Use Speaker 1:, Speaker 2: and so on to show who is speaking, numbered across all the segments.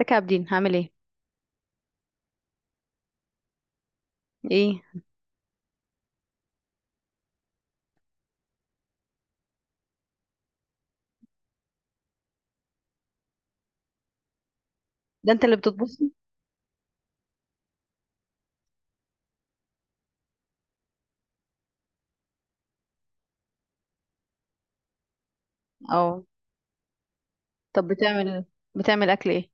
Speaker 1: ازيك يا عابدين؟ هعمل ايه ايه ده، انت اللي بتطبخ؟ اه. طب بتعمل اكل ايه؟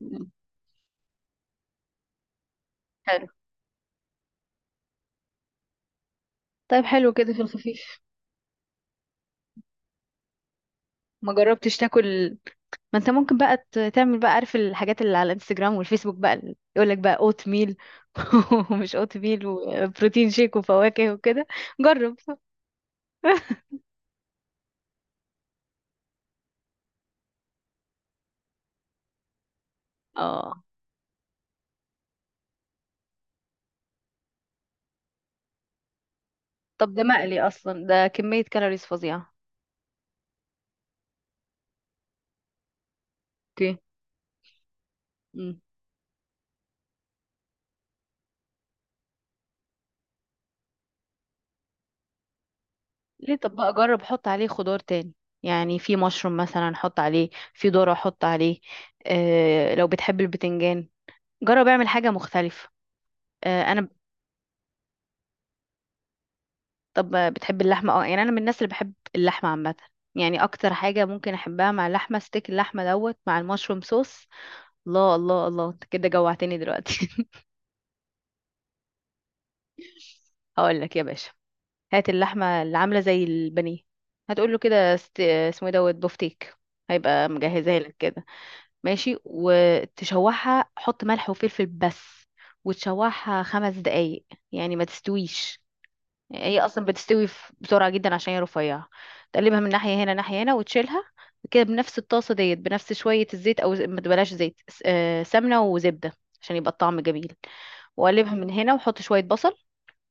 Speaker 1: مم. حلو. طيب حلو كده في الخفيف. ما جربتش تاكل، ما انت ممكن بقى تعمل بقى، عارف الحاجات اللي على الانستجرام والفيسبوك بقى يقول لك بقى اوت ميل، ومش اوت ميل وبروتين شيك وفواكه وكده، جرب. اه، طب ده مقلي اصلا، ده كمية كالوريز فظيعة. اوكي. ليه؟ طب بقى جرب حط عليه خضار تاني، يعني في مشروم مثلا حط عليه، في ذرة حط عليه، آه لو بتحب البتنجان، جرب اعمل حاجة مختلفة. آه انا. طب بتحب اللحمة؟ اه، يعني انا من الناس اللي بحب اللحمة عامة، يعني اكتر حاجة ممكن احبها مع اللحمة ستيك اللحمة دوت مع المشروم صوص. الله الله الله، انت كده جوعتني دلوقتي. هقول لك يا باشا، هات اللحمة اللي عاملة زي البانيه، هتقول له كده اسمه ايه دوت بوفتيك، هيبقى مجهزها لك كده. ماشي، وتشوحها، حط ملح وفلفل بس، وتشوحها خمس دقايق، يعني ما تستويش. هي اصلا بتستوي بسرعه جدا عشان هي رفيعه. تقلبها من ناحيه هنا ناحيه هنا وتشيلها كده بنفس الطاسه ديت، بنفس شويه الزيت، او ما تبلاش زيت، سمنه وزبده عشان يبقى الطعم جميل. وقلبها من هنا وحط شويه بصل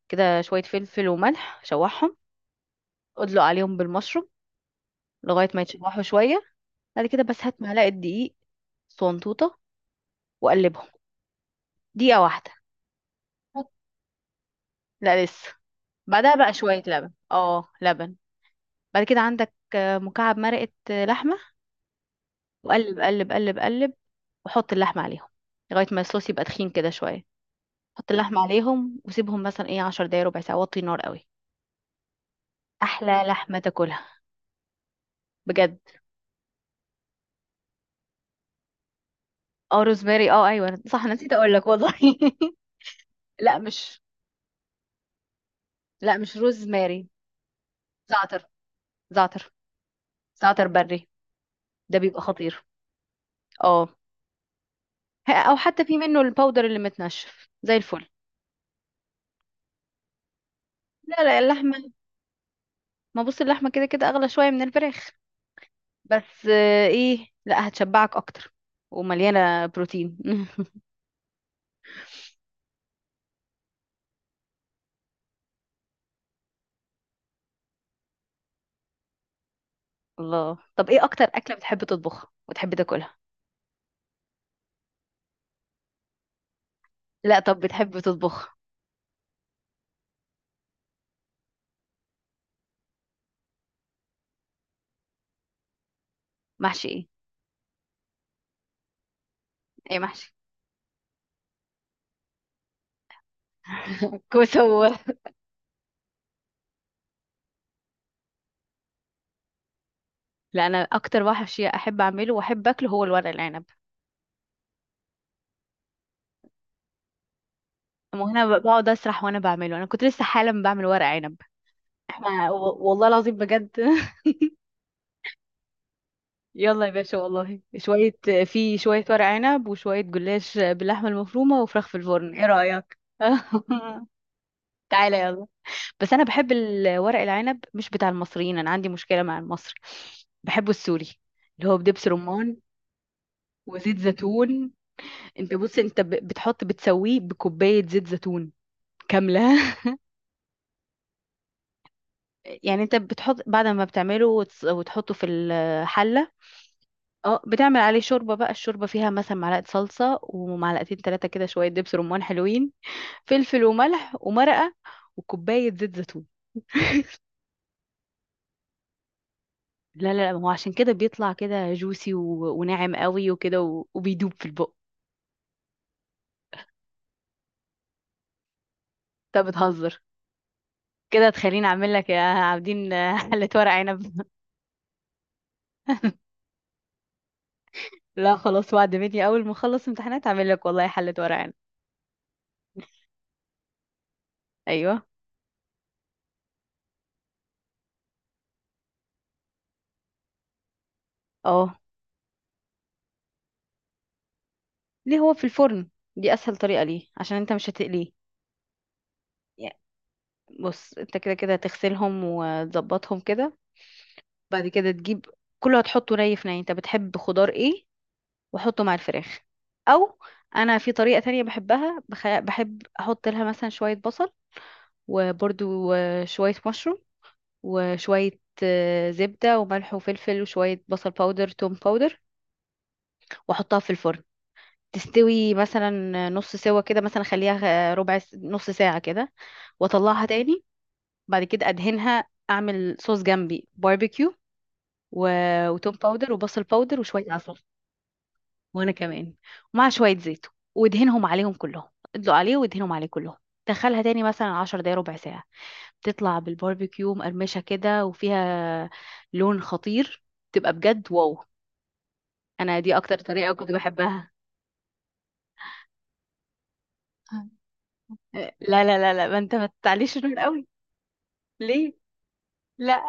Speaker 1: كده، شويه فلفل وملح، شوحهم، ادلق عليهم بالمشروم لغايه ما يتشوحوا شويه. بعد كده بس هات معلقه دقيق صنطوطه وقلبهم دقيقه واحده. لا لسه. بعدها بقى شوية لبن، اه لبن. بعد كده عندك مكعب مرقة، لحمة، وقلب قلب قلب قلب وحط اللحمة عليهم لغاية ما الصوص يبقى تخين كده شوية. حط اللحمة عليهم وسيبهم مثلا ايه عشر دقايق ربع ساعة، وطي النار قوي. أحلى لحمة تاكلها بجد. اه روزماري، اه أيوة صح، أنا نسيت أقول لك والله. لا مش، لا مش روزماري. زعتر. زعتر. زعتر بري. ده بيبقى خطير. اه. أو حتى في منه الباودر اللي متنشف زي الفل. لا لا، اللحمة، ما بص، اللحمة كده كده أغلى شوية من الفراخ، بس آه، ايه لا هتشبعك أكتر ومليانة بروتين. الله، طب ايه أكتر أكلة بتحب تطبخها وتحب تاكلها؟ لا طب بتحب تطبخها؟ محشي ايه؟ ايه محشي؟ كوسة وورق. لا أنا أكتر محشي أحب أعمله وأحب أكله هو الورق العنب. وأنا بقعد أسرح وأنا بعمله، أنا كنت لسه حالا بعمل ورق عنب. احنا والله العظيم بجد. يلا يا باشا، والله شوية، في شوية ورق عنب وشوية جلاش باللحمة المفرومة وفراخ في الفرن، ايه رأيك؟ تعالى يلا. بس انا بحب الورق العنب مش بتاع المصريين، انا عندي مشكلة مع المصري، بحبه السوري اللي هو بدبس رمان وزيت زيتون. انت بص، انت بتحط، بتسويه بكوباية زيت زيتون كاملة. يعني انت بتحط بعد ما بتعمله وتحطه في الحلة، اه، بتعمل عليه شوربة بقى، الشوربة فيها مثلا معلقة صلصة ومعلقتين ثلاثة كده، شوية دبس رمان حلوين، فلفل وملح ومرقة، وكوباية زيت زيتون. لا لا لا، ما هو عشان كده بيطلع كده جوسي و... وناعم قوي وكده، و... وبيدوب في البق. انت بتهزر؟ كده تخليني اعمل لك يا عابدين حلة ورق عنب. لا خلاص، وعد مني، اول ما اخلص امتحانات اعمل لك والله حلة ورق عنب. ايوه. اه. ليه؟ هو في الفرن دي اسهل طريقة، ليه؟ عشان انت مش هتقليه. يعني بص، انت كده كده هتغسلهم وتظبطهم كده، بعد كده تجيب، كله هتحطه ني في ني، انت بتحب خضار ايه، وحطه مع الفراخ. او انا في طريقة تانية بحبها، بحب احط لها مثلا شوية بصل، وبرده شوية مشروم، وشوية زبدة وملح وفلفل وشوية بصل باودر توم باودر، واحطها في الفرن تستوي مثلا نص سوا كده، مثلا اخليها ربع نص ساعة كده، واطلعها تاني. بعد كده ادهنها، اعمل صوص جنبي باربيكيو، و... وتوم باودر وبصل باودر وشوية عسل. وانا كمان. ومع شويه زيت، وادهنهم عليهم كلهم، ادلق عليه وادهنهم عليه كلهم، دخلها تاني مثلا عشر دقايق ربع ساعة، بتطلع بالباربيكيو مقرمشة كده وفيها لون خطير، تبقى بجد واو. أنا دي أكتر طريقة كنت بحبها. لا، ما أنت ما تعليش النور قوي. ليه؟ لا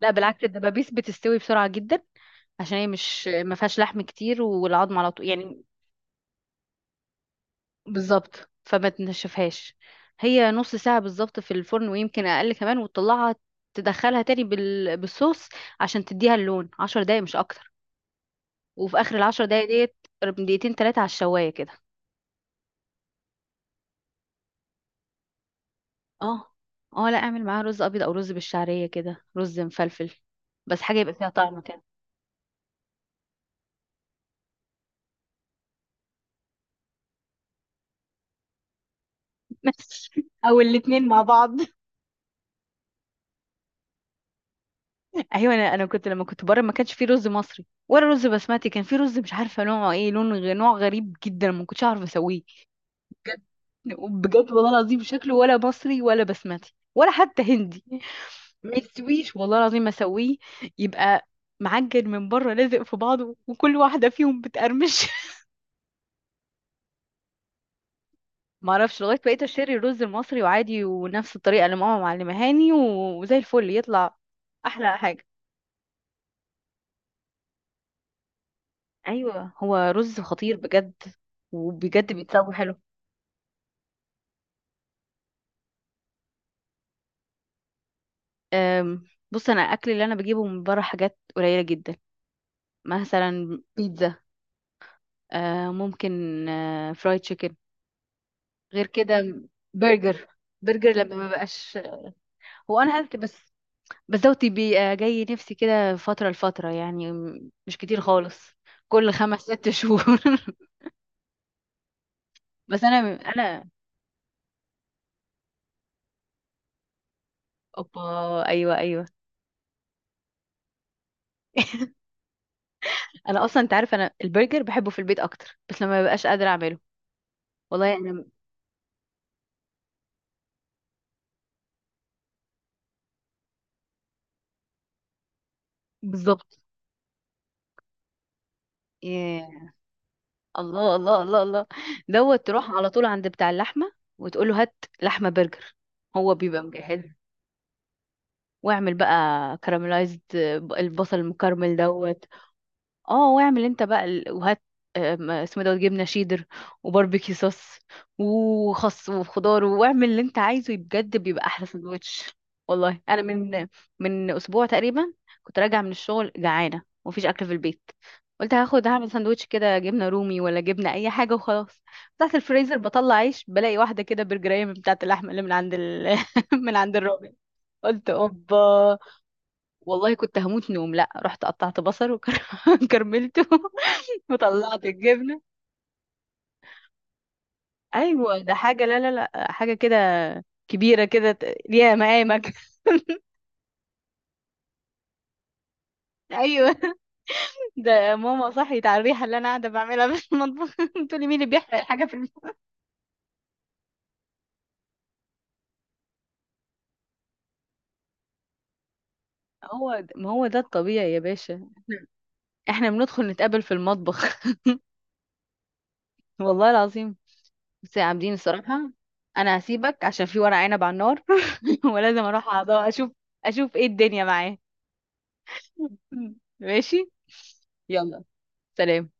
Speaker 1: لا بالعكس، الدبابيس بتستوي بسرعة جدا عشان هي مش ما فيهاش لحم كتير والعظم على طول يعني. بالظبط، فما تنشفهاش. هي نص ساعة بالظبط في الفرن ويمكن أقل كمان، وتطلعها تدخلها تاني بالصوص عشان تديها اللون، عشر دقايق مش أكتر. وفي آخر العشر دقايق ديت قرب دقيقتين تلاتة على الشواية كده. اه. اه لا اعمل معاها رز أبيض أو رز بالشعرية كده رز مفلفل، بس حاجة يبقى فيها طعم كده. او الاتنين مع بعض. ايوه، انا كنت لما كنت بره ما كانش في رز مصري ولا رز بسمتي، كان في رز مش عارفه نوعه ايه، لون نوع غريب جدا، ما كنتش اعرف اسويه. بجد والله العظيم شكله ولا مصري ولا بسمتي ولا حتى هندي. ما يستويش والله العظيم ما اسويه، يبقى معجن من بره لازق في بعضه وكل واحده فيهم بتقرمش. ما اعرفش، لغايه بقيت اشتري الرز المصري وعادي، ونفس الطريقه اللي ماما معلمهاني، وزي الفل يطلع. احلى حاجه، ايوه هو رز خطير بجد. وبجد بيتسوى حلو. أم، بص انا الاكل اللي انا بجيبه من بره حاجات قليله جدا، مثلا بيتزا، ممكن فرايد تشيكن. غير كده برجر. برجر لما ما بقاش، هو انا هلت بس، بس بيبقى جاي نفسي كده فترة لفترة، يعني مش كتير خالص، كل خمس ست شهور. بس انا انا اوبا، ايوه ايوه. انا اصلا انت عارف انا البرجر بحبه في البيت اكتر، بس لما ببقاش قادره اعمله. والله انا بالظبط. ياه. الله الله الله الله. دوت تروح على طول عند بتاع اللحمه وتقول له هات لحمه برجر، هو بيبقى مجهز. واعمل بقى كراميلايزد، البصل المكرمل دوت. اه واعمل انت بقى وهات اسمه دوت جبنه شيدر وباربيكيو صوص وخس وخضار، واعمل اللي انت عايزه، بجد بيبقى احلى سندوتش. والله انا من، من اسبوع تقريبا كنت راجعه من الشغل جعانه ومفيش اكل في البيت، قلت هاخد هعمل سندوتش كده جبنه رومي ولا جبنه اي حاجه وخلاص. بتاعت الفريزر بطلع عيش، بلاقي واحده كده برجريه من بتاعت اللحمه اللي من عند من عند الراجل. قلت اوبا، والله كنت هموت نوم، لا رحت قطعت بصل وكرملته وطلعت الجبنه. ايوه ده حاجه، لا لا لا، حاجه كده كبيره كده ليها مقامك. ايوه. ده ماما صحيت على الريحه اللي انا قاعده بعملها في المطبخ، بتقولي مين اللي بيحرق الحاجه في المطبخ. هو ما هو ده الطبيعي يا باشا. احنا، إحنا بندخل نتقابل في المطبخ. والله العظيم. بس يا عابدين الصراحه انا هسيبك عشان في ورق عنب على النار، ولازم اروح اشوف، اشوف ايه الدنيا معاه. مم. ماشي. يلا. سلام.